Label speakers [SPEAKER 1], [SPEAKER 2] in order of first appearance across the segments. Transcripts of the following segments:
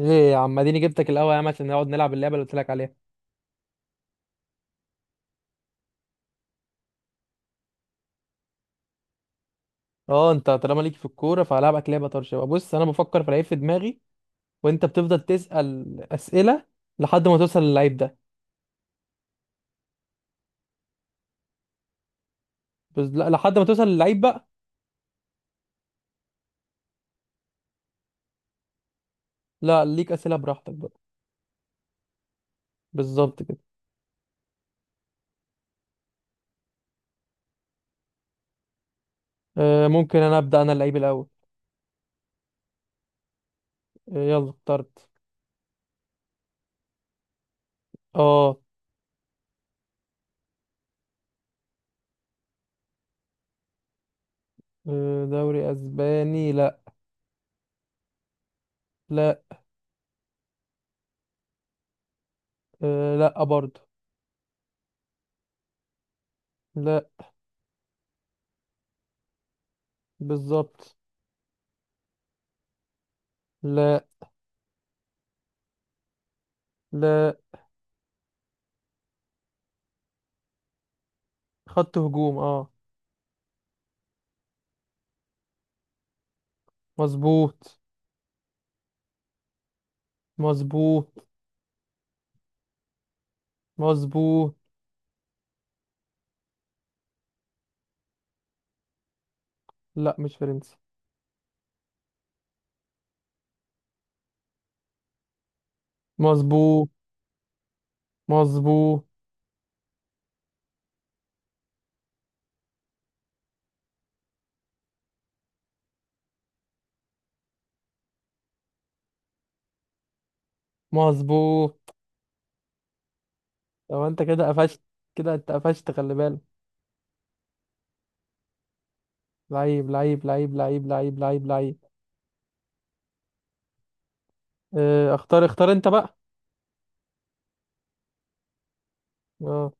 [SPEAKER 1] ايه يا عم اديني جبتك الاول يا عم عشان نقعد نلعب اللعبه اللي قلت لك عليها. اه انت طالما ليك في الكوره فهلعبك لعبه طرش بقى. بص انا بفكر في لعيب في دماغي وانت بتفضل تسال اسئله لحد ما توصل للعيب ده. بس لا، لحد ما توصل للعيب بقى. لا، ليك اسئله براحتك بقى. بالظبط كده. ممكن انا ابدا، انا اللعيب الاول. يلا اخترت. اه. دوري اسباني؟ لا. لا. لا برضه. لا. بالظبط. لا. لا. خط هجوم اه. مظبوط. مظبوط. مظبوط. لا، مش فرنسي. مظبوط. مظبوط. مظبوط. لو انت كده قفشت. كده انت قفشت خلي بالك. لعيب لعيب لعيب لعيب لعيب لعيب لعيب. اه اختار اختار انت بقى. اه.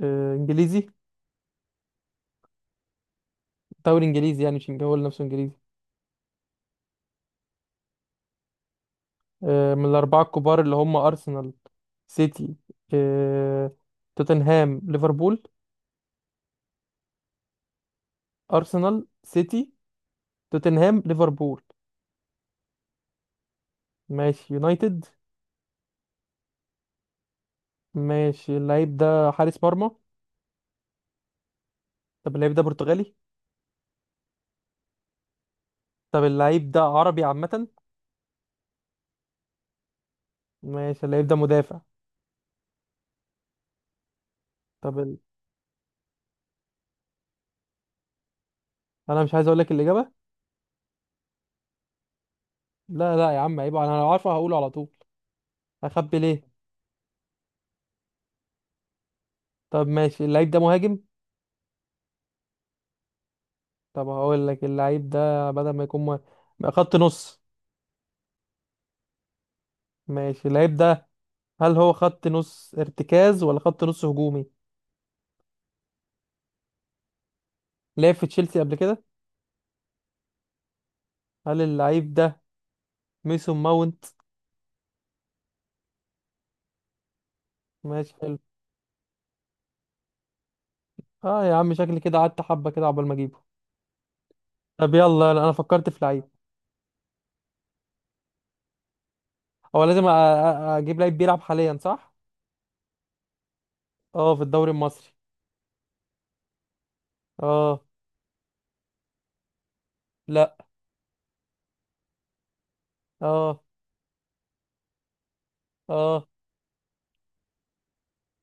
[SPEAKER 1] اه، انجليزي. دوري انجليزي، يعني مش هو نفسه انجليزي. اه، من الاربعه الكبار اللي هم ارسنال، سيتي، اه توتنهام، ليفربول. ارسنال، سيتي، توتنهام، ليفربول. ماشي، يونايتد. ماشي، اللعيب ده حارس مرمى؟ طب اللعيب ده برتغالي؟ طب اللعيب ده عربي عامة؟ ماشي، اللعيب ده مدافع؟ طب انا مش عايز اقول لك الإجابة. لا يا عم، عيب، انا لو عارفه هقوله على طول. اخبي ليه؟ طب ماشي، اللعيب ده مهاجم؟ طب هقول لك، اللعيب ده بدل ما يكون ما خط نص. ماشي، اللعيب ده هل هو خط نص ارتكاز ولا خط نص هجومي؟ لعب في تشيلسي قبل كده؟ هل اللعيب ده ميسون ماونت؟ ماشي، حلو. اه يا عم، شكلي كده قعدت حبة كده عقبال ما اجيبه. طب يلا، انا فكرت في لعيب. هو لازم اجيب لعيب بيلعب حاليا صح؟ اه، في الدوري المصري. اه. لا. اه. اه.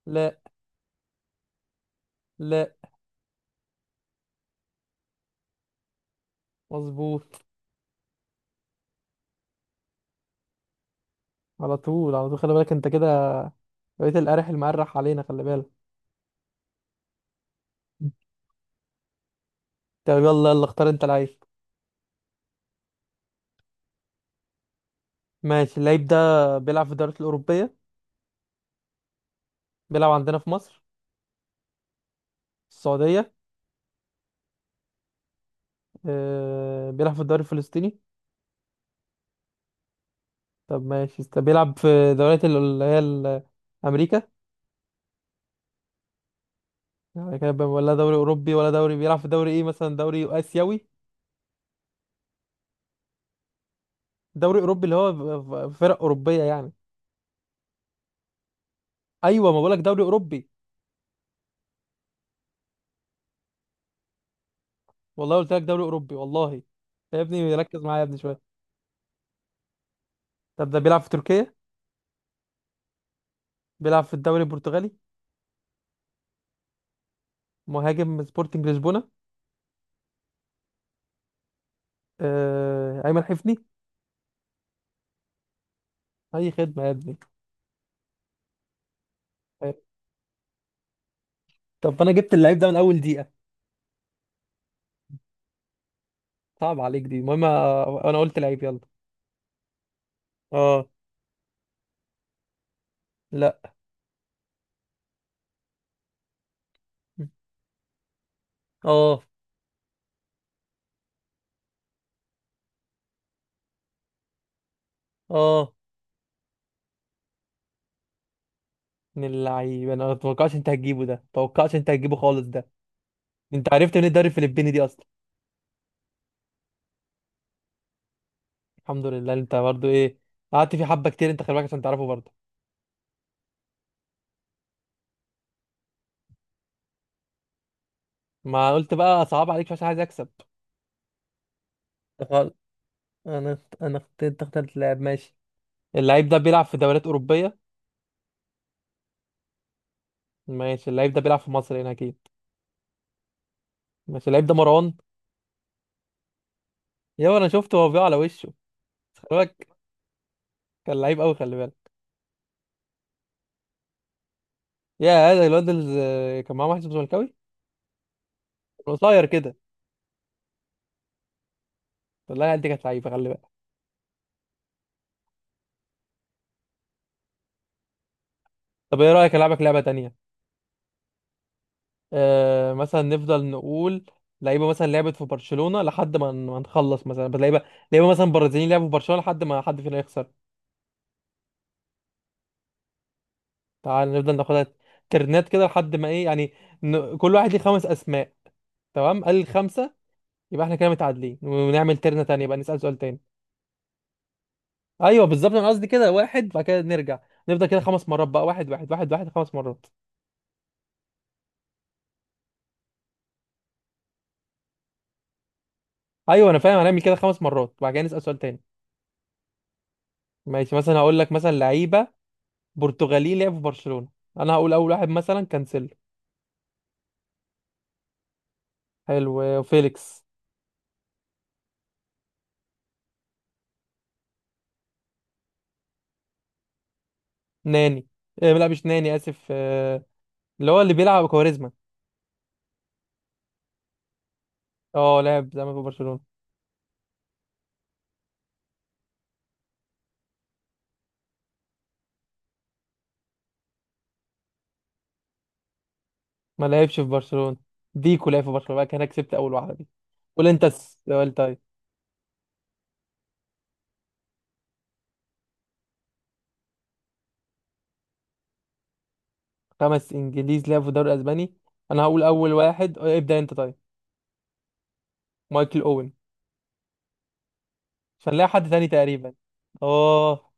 [SPEAKER 1] لا. لا. مظبوط. على طول، على طول، خلي بالك انت كده، بقيت القارح المقرح علينا خلي بالك. طب يلا يلا، اختار انت لعيب. ماشي، اللعيب ده بيلعب في الدوريات الأوروبية؟ بيلعب عندنا في مصر؟ في السعودية؟ بيلعب في الدوري الفلسطيني؟ طب ماشي، طب بيلعب في دوريات اللي هي أمريكا؟ يعني كده بقى، ولا دوري أوروبي، ولا دوري، بيلعب في دوري إيه؟ مثلا دوري آسيوي؟ دوري أوروبي، اللي هو فرق أوروبية يعني. أيوة، ما بقولك دوري أوروبي. والله قلت لك دوري اوروبي والله. يا ابني، ركز معايا يا ابني شويه. طب ده بيلعب في تركيا؟ بيلعب في الدوري البرتغالي؟ مهاجم سبورتنج لشبونه؟ ايمن حفني. اي خدمه يا ابني. آه، طب انا جبت اللعيب ده من اول دقيقه. صعب عليك دي، المهم، انا قلت لعيب يلا. اه. لا. اه. اه. من اللعيب؟ انا ما اتوقعش انت هتجيبه ده، ما اتوقعش انت هتجيبه خالص ده. انت عرفت من الدوري الفلبيني دي اصلا؟ الحمد لله، انت برضو ايه، قعدت فيه حبه كتير انت خلي بالك عشان تعرفه برضو. ما قلت بقى صعب عليك عشان عايز اكسب. انت اخترت لاعب. ماشي، اللعيب ده بيلعب في دوريات اوروبيه؟ ماشي، اللعيب ده بيلعب في مصر هنا اكيد. ماشي، اللعيب ده مروان؟ يا انا شفته هو بيقع على وشه. خلي بالك، كان لعيب قوي خلي بالك. يا هذا الواد اللي كان معاه واحد اسمه زملكاوي. كان قصير كده. والله العيال دي كانت لعيبه، خلي بالك. طب ايه رايك العبك لعبه تانية؟ مثلا نفضل نقول لعيبه مثلا لعبت في برشلونه لحد ما، ما نخلص مثلا لعيبه، لعيبه مثلا برازيليين لعبوا في برشلونه لحد ما حد فينا يخسر. تعال نفضل ناخدها ترنات كده لحد ما ايه يعني. كل واحد ليه خمس اسماء. تمام، قال الخمسه، يبقى احنا كده متعادلين، ونعمل ترنه تانية، يبقى نسال سؤال تاني. ايوه بالظبط، انا قصدي كده واحد، بعد كده نرجع نفضل كده خمس مرات بقى. واحد واحد واحد واحد، خمس مرات. ايوه انا فاهم، هنعمل كده خمس مرات، بعد كده نسال سؤال تاني. ماشي، مثلا هقول لك مثلا لعيبه برتغالي لعبوا في برشلونه. انا هقول اول واحد، مثلا كانسيلو. حلو، فيليكس. ناني. إيه لا، مش ناني، اسف. اللي هو اللي بيلعب كواريزما. اه لعب زمان في برشلونه. ما لعبش في برشلونة. ديكو لعب في برشلونة بقى، كان أنا كسبت اول واحدة دي. قول انت السؤال طيب. خمس انجليز لعبوا في الدوري الاسباني. انا هقول اول واحد ابدأ انت طيب. مايكل اوين. مش هنلاقي حد تاني تقريبا. اه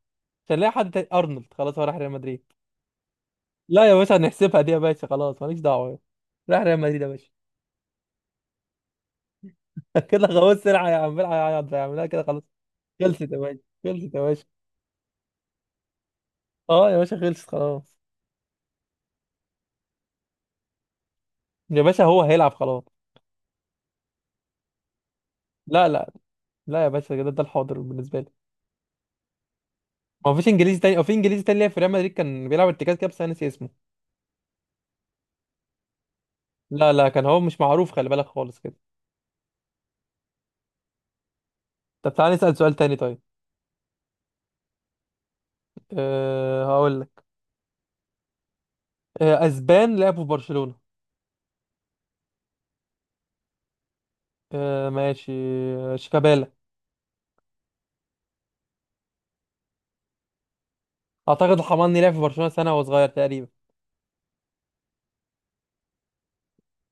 [SPEAKER 1] مش هنلاقي حد تاني. ارنولد خلاص، هو راح ريال مدريد. لا يا باشا، هنحسبها دي يا باشا، خلاص ماليش دعوة. راح ريال مدريد يا باشا. كده خلاص، سرعة يا عم، العب يا عم، اعملها كده خلاص. خلصت يا باشا. خلصت يا باشا. اه يا باشا، خلصت خلاص. يا باشا هو هيلعب خلاص. لا لا. لا يا باشا، كده ده الحاضر بالنسبة لي. ما فيش انجليزي تاني، او في انجليزي تاني لعب في ريال مدريد كان بيلعب ارتكاز كده بس انا ناسي اسمه. لا، كان هو مش معروف خلي بالك خالص كده. طب تعالى نسأل سؤال تاني طيب. أه هقول لك. أه، اسبان لعبوا في برشلونة. أه ماشي. شيكابالا. اعتقد الحماني لعب في برشلونة سنة وهو صغير تقريبا.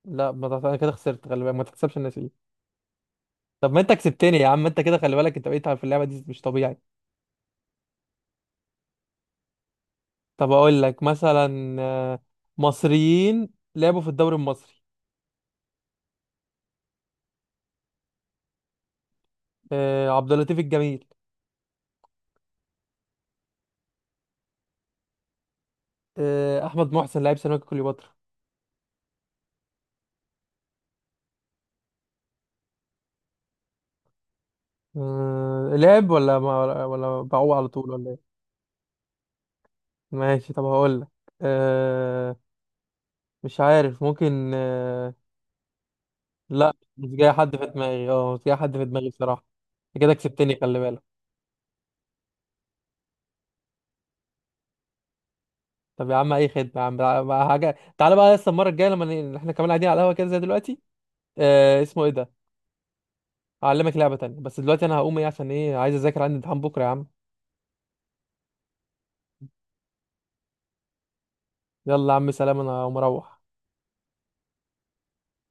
[SPEAKER 1] لا ما انا كده خسرت خلي بالك، ما تحسبش الناس دي. طب ما انت كسبتني يا عم، انت كده خلي بالك، انت بقيت في اللعبة دي مش طبيعي. طب اقول لك مثلا مصريين لعبوا في الدوري المصري. أه عبد اللطيف الجميل. احمد محسن لاعب سيراميكا كليوباترا. لعب ولا ما... ولا بعوق على طول ولا ايه؟ ماشي، طب هقول لك أه... مش عارف، ممكن لا، مش جاي حد في دماغي، اه مش جاي حد في دماغي بصراحة. أنت كده كسبتني خلي بالك. طب يا عم، اي خدمة يا عم، بقى حاجة، تعالى بقى لسه المرة الجاية لما احنا كمان قاعدين على القهوة كده زي دلوقتي. اسمه ايه ده، هعلمك لعبة تانية، بس دلوقتي انا هقوم ايه عشان ايه عايز اذاكر، عندي امتحان بكرة يا عم. يلا يا عم سلام، انا هقوم اروح.